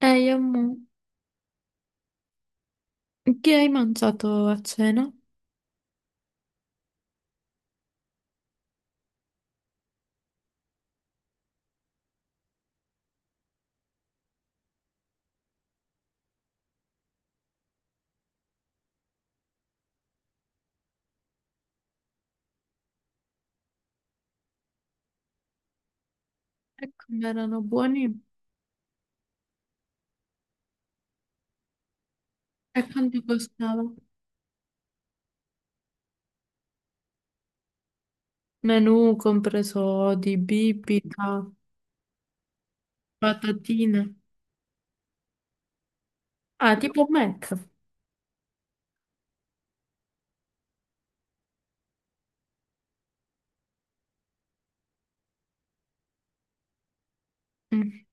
Eh, io mo- Che hai mangiato a cena? E come erano buoni? E quanto costava? Menù compreso di bibita, patatine. Ah, tipo Mac. Mm.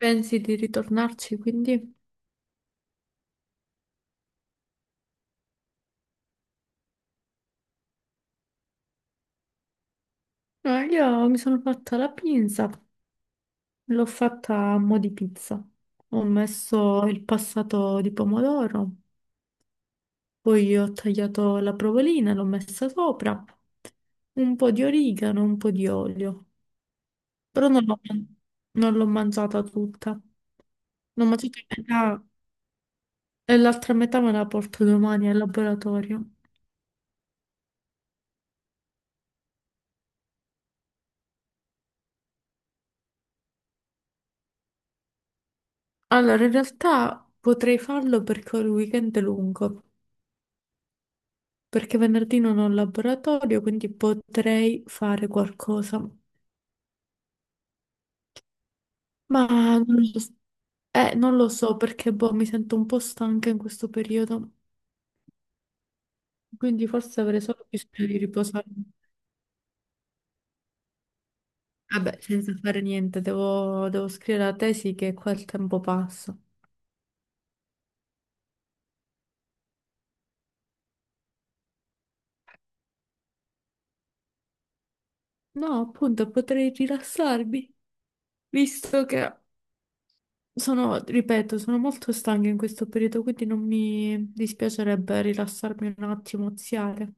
Pensi di ritornarci quindi? No, io mi sono fatta la pinza, l'ho fatta a mo' di pizza. Ho messo il passato di pomodoro, poi ho tagliato la provolina, l'ho messa sopra, un po' di origano, un po' di olio. Però non l'ho mangiata tutta. L'ho mangiata a metà e l'altra metà me la porto domani al laboratorio. Allora, in realtà potrei farlo perché ho il weekend lungo, perché venerdì non ho il laboratorio, quindi potrei fare qualcosa. Ma non lo s- non lo so perché boh, mi sento un po' stanca in questo periodo, quindi forse avrei solo bisogno di riposare. Vabbè, senza fare niente, devo scrivere la tesi che qua il tempo passa. No, appunto, potrei rilassarmi, visto che sono, ripeto, sono molto stanca in questo periodo, quindi non mi dispiacerebbe rilassarmi un attimo, oziare.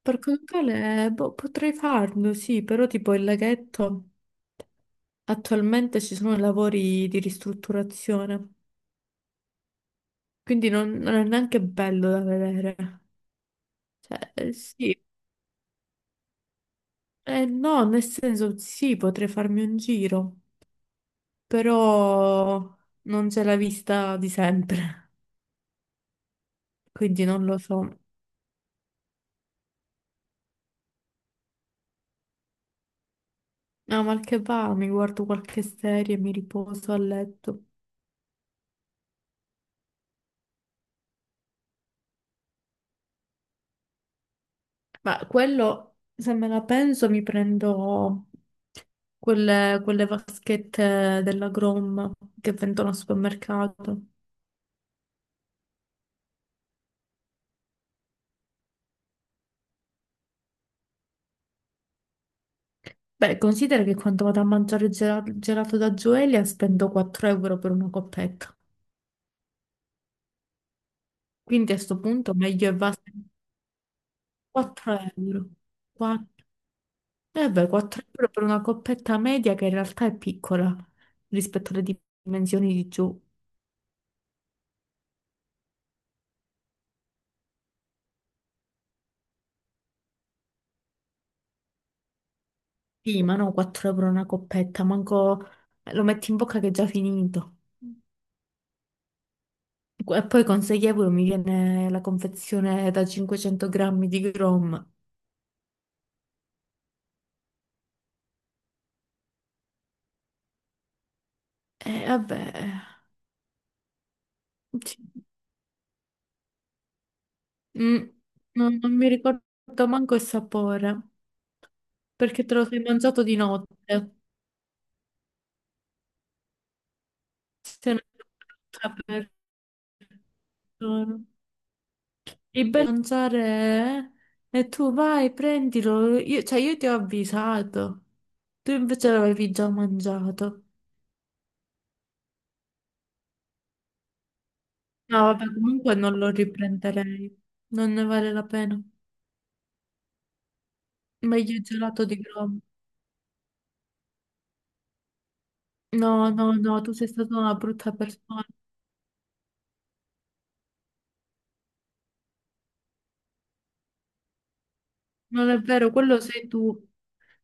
Per conto tale, boh, potrei farlo, sì, però tipo il laghetto, attualmente ci sono lavori di ristrutturazione, quindi non è neanche bello da vedere. Cioè, sì, no, nel senso, sì, potrei farmi un giro, però non c'è la vista di sempre. Quindi non lo so. No, mal che va, mi guardo qualche serie, mi riposo a letto. Ma quello, se me la penso, mi prendo quelle vaschette della Grom che vendono al supermercato. Beh, considera che quando vado a mangiare il gelato da Gioelia spendo 4 euro per una coppetta. Quindi a sto punto meglio è va. 4 euro. Eh beh, 4 euro per una coppetta media che in realtà è piccola rispetto alle dimensioni di giù. Sì, ma no, 4 euro una coppetta, manco lo metti in bocca che è già finito. E poi con 6 euro mi viene la confezione da 500 grammi di Grom. E vabbè, sì. Mm, non mi ricordo manco il sapore, perché te lo sei mangiato di notte. Se ne per persona. Il bello mangiare è e tu vai, prendilo. Io, cioè, io ti ho avvisato. Tu invece l'avevi già mangiato. No, vabbè, comunque non lo riprenderei. Non ne vale la pena. Meglio il gelato di Roma. No, no, no, tu sei stata una brutta persona. Non è vero, quello sei tu.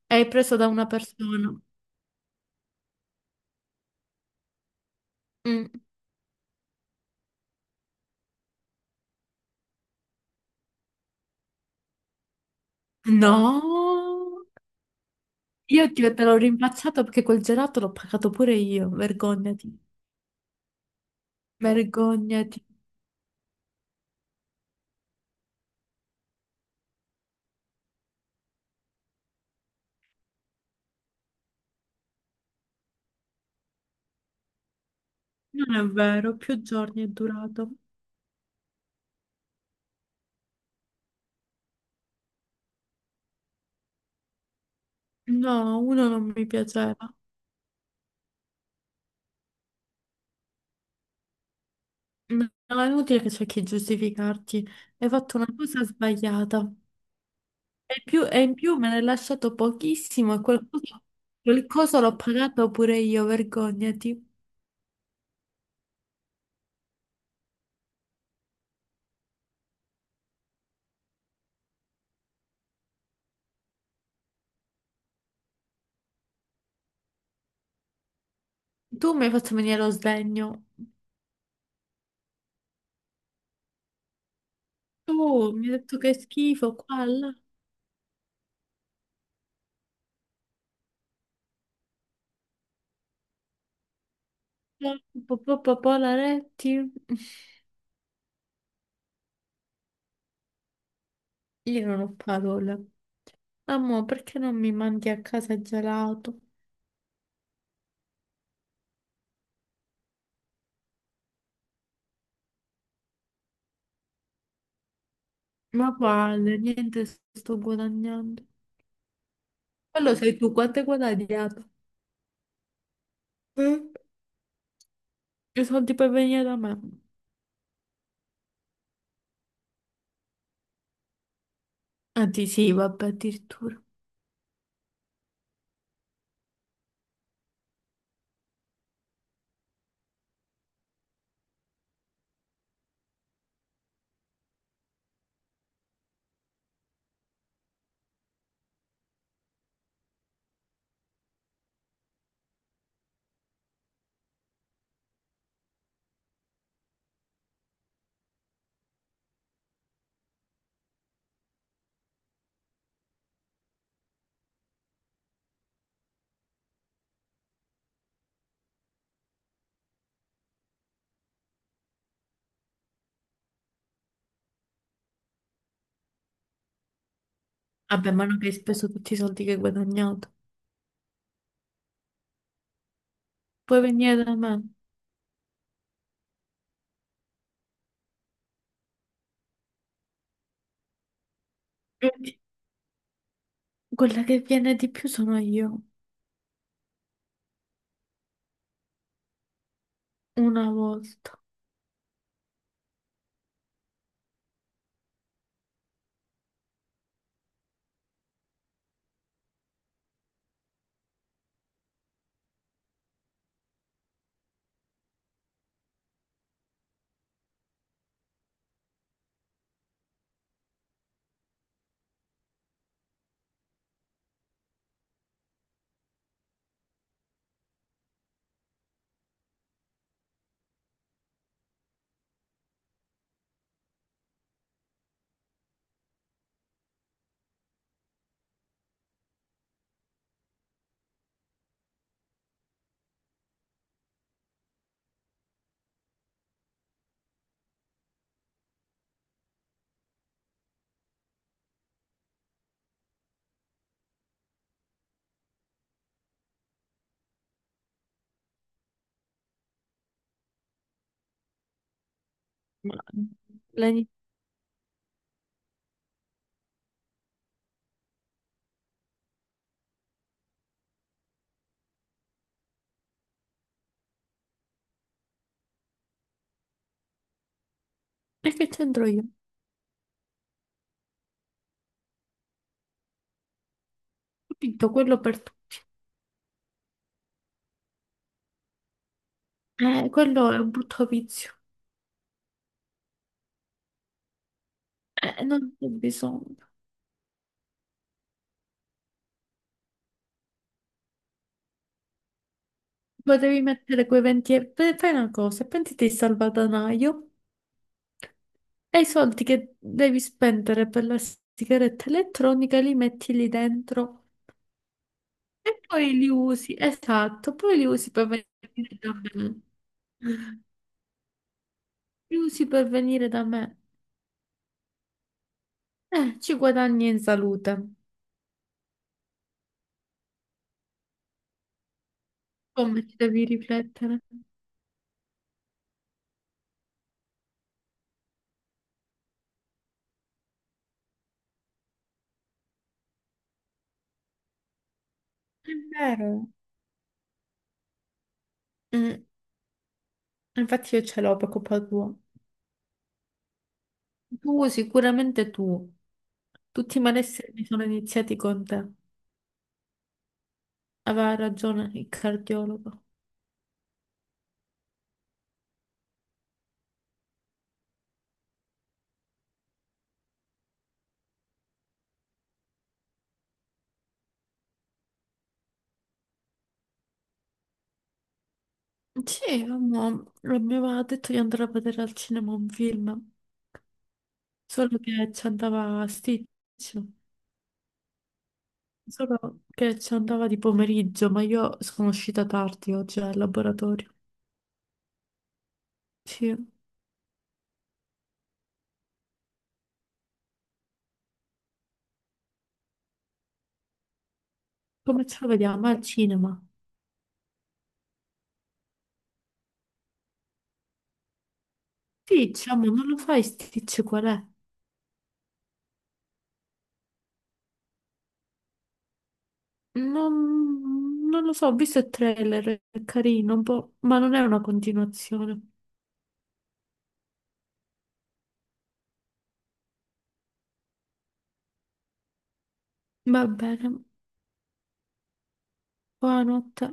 Hai preso da una persona. Mm. No, te l'ho rimpacciato perché quel gelato l'ho pagato pure io. Vergognati. Vergognati. Non è vero, più giorni è durato. No, uno non mi piaceva. No, è inutile che cerchi di giustificarti. Hai fatto una cosa sbagliata. E in più me ne hai lasciato pochissimo e qualcosa l'ho pagato pure io, vergognati. Tu mi hai fatto venire lo sdegno. Tu mi hai detto che è schifo, qua, là, polaretti. Io non ho parole. Amore, perché non mi mandi a casa il gelato? Ma quale? Niente, sto guadagnando. Quello sei tu, quanto hai guadagnato? Mm? Più soldi per venire da me. Anzi, sì, vabbè, addirittura. Vabbè, ma non che hai speso tutti i soldi che hai guadagnato. Puoi venire da me. Quindi, quella che viene di più sono io. Una volta. Lei- E che c'entro io? Capito, quello per te. Quello è un brutto vizio. Non c'è bisogno. Potevi mettere quei 20 euro. Fai una cosa, prenditi il salvadanaio. E i soldi che devi spendere per la sigaretta elettronica li metti lì dentro e poi li usi, esatto, poi li usi per venire da me. Li usi per venire da me. Ci guadagni in salute. Come ci devi riflettere? È vero. Mm. Infatti io ce l'ho per colpa tua. Tu, sicuramente tu. Tutti i malesseri mi sono iniziati con te. Aveva ragione il cardiologo. Sì, la mia mamma ha detto di andare a vedere al cinema un film, solo che ci andava a Stitch, solo che ci andava di pomeriggio, ma io sono uscita tardi oggi al laboratorio. Sì, come ce lo vediamo? Al cinema. Stitch, amore, non lo fai Stitch qual è? Non lo so, ho visto il trailer, è carino un po', ma non è una continuazione. Va bene, buonanotte.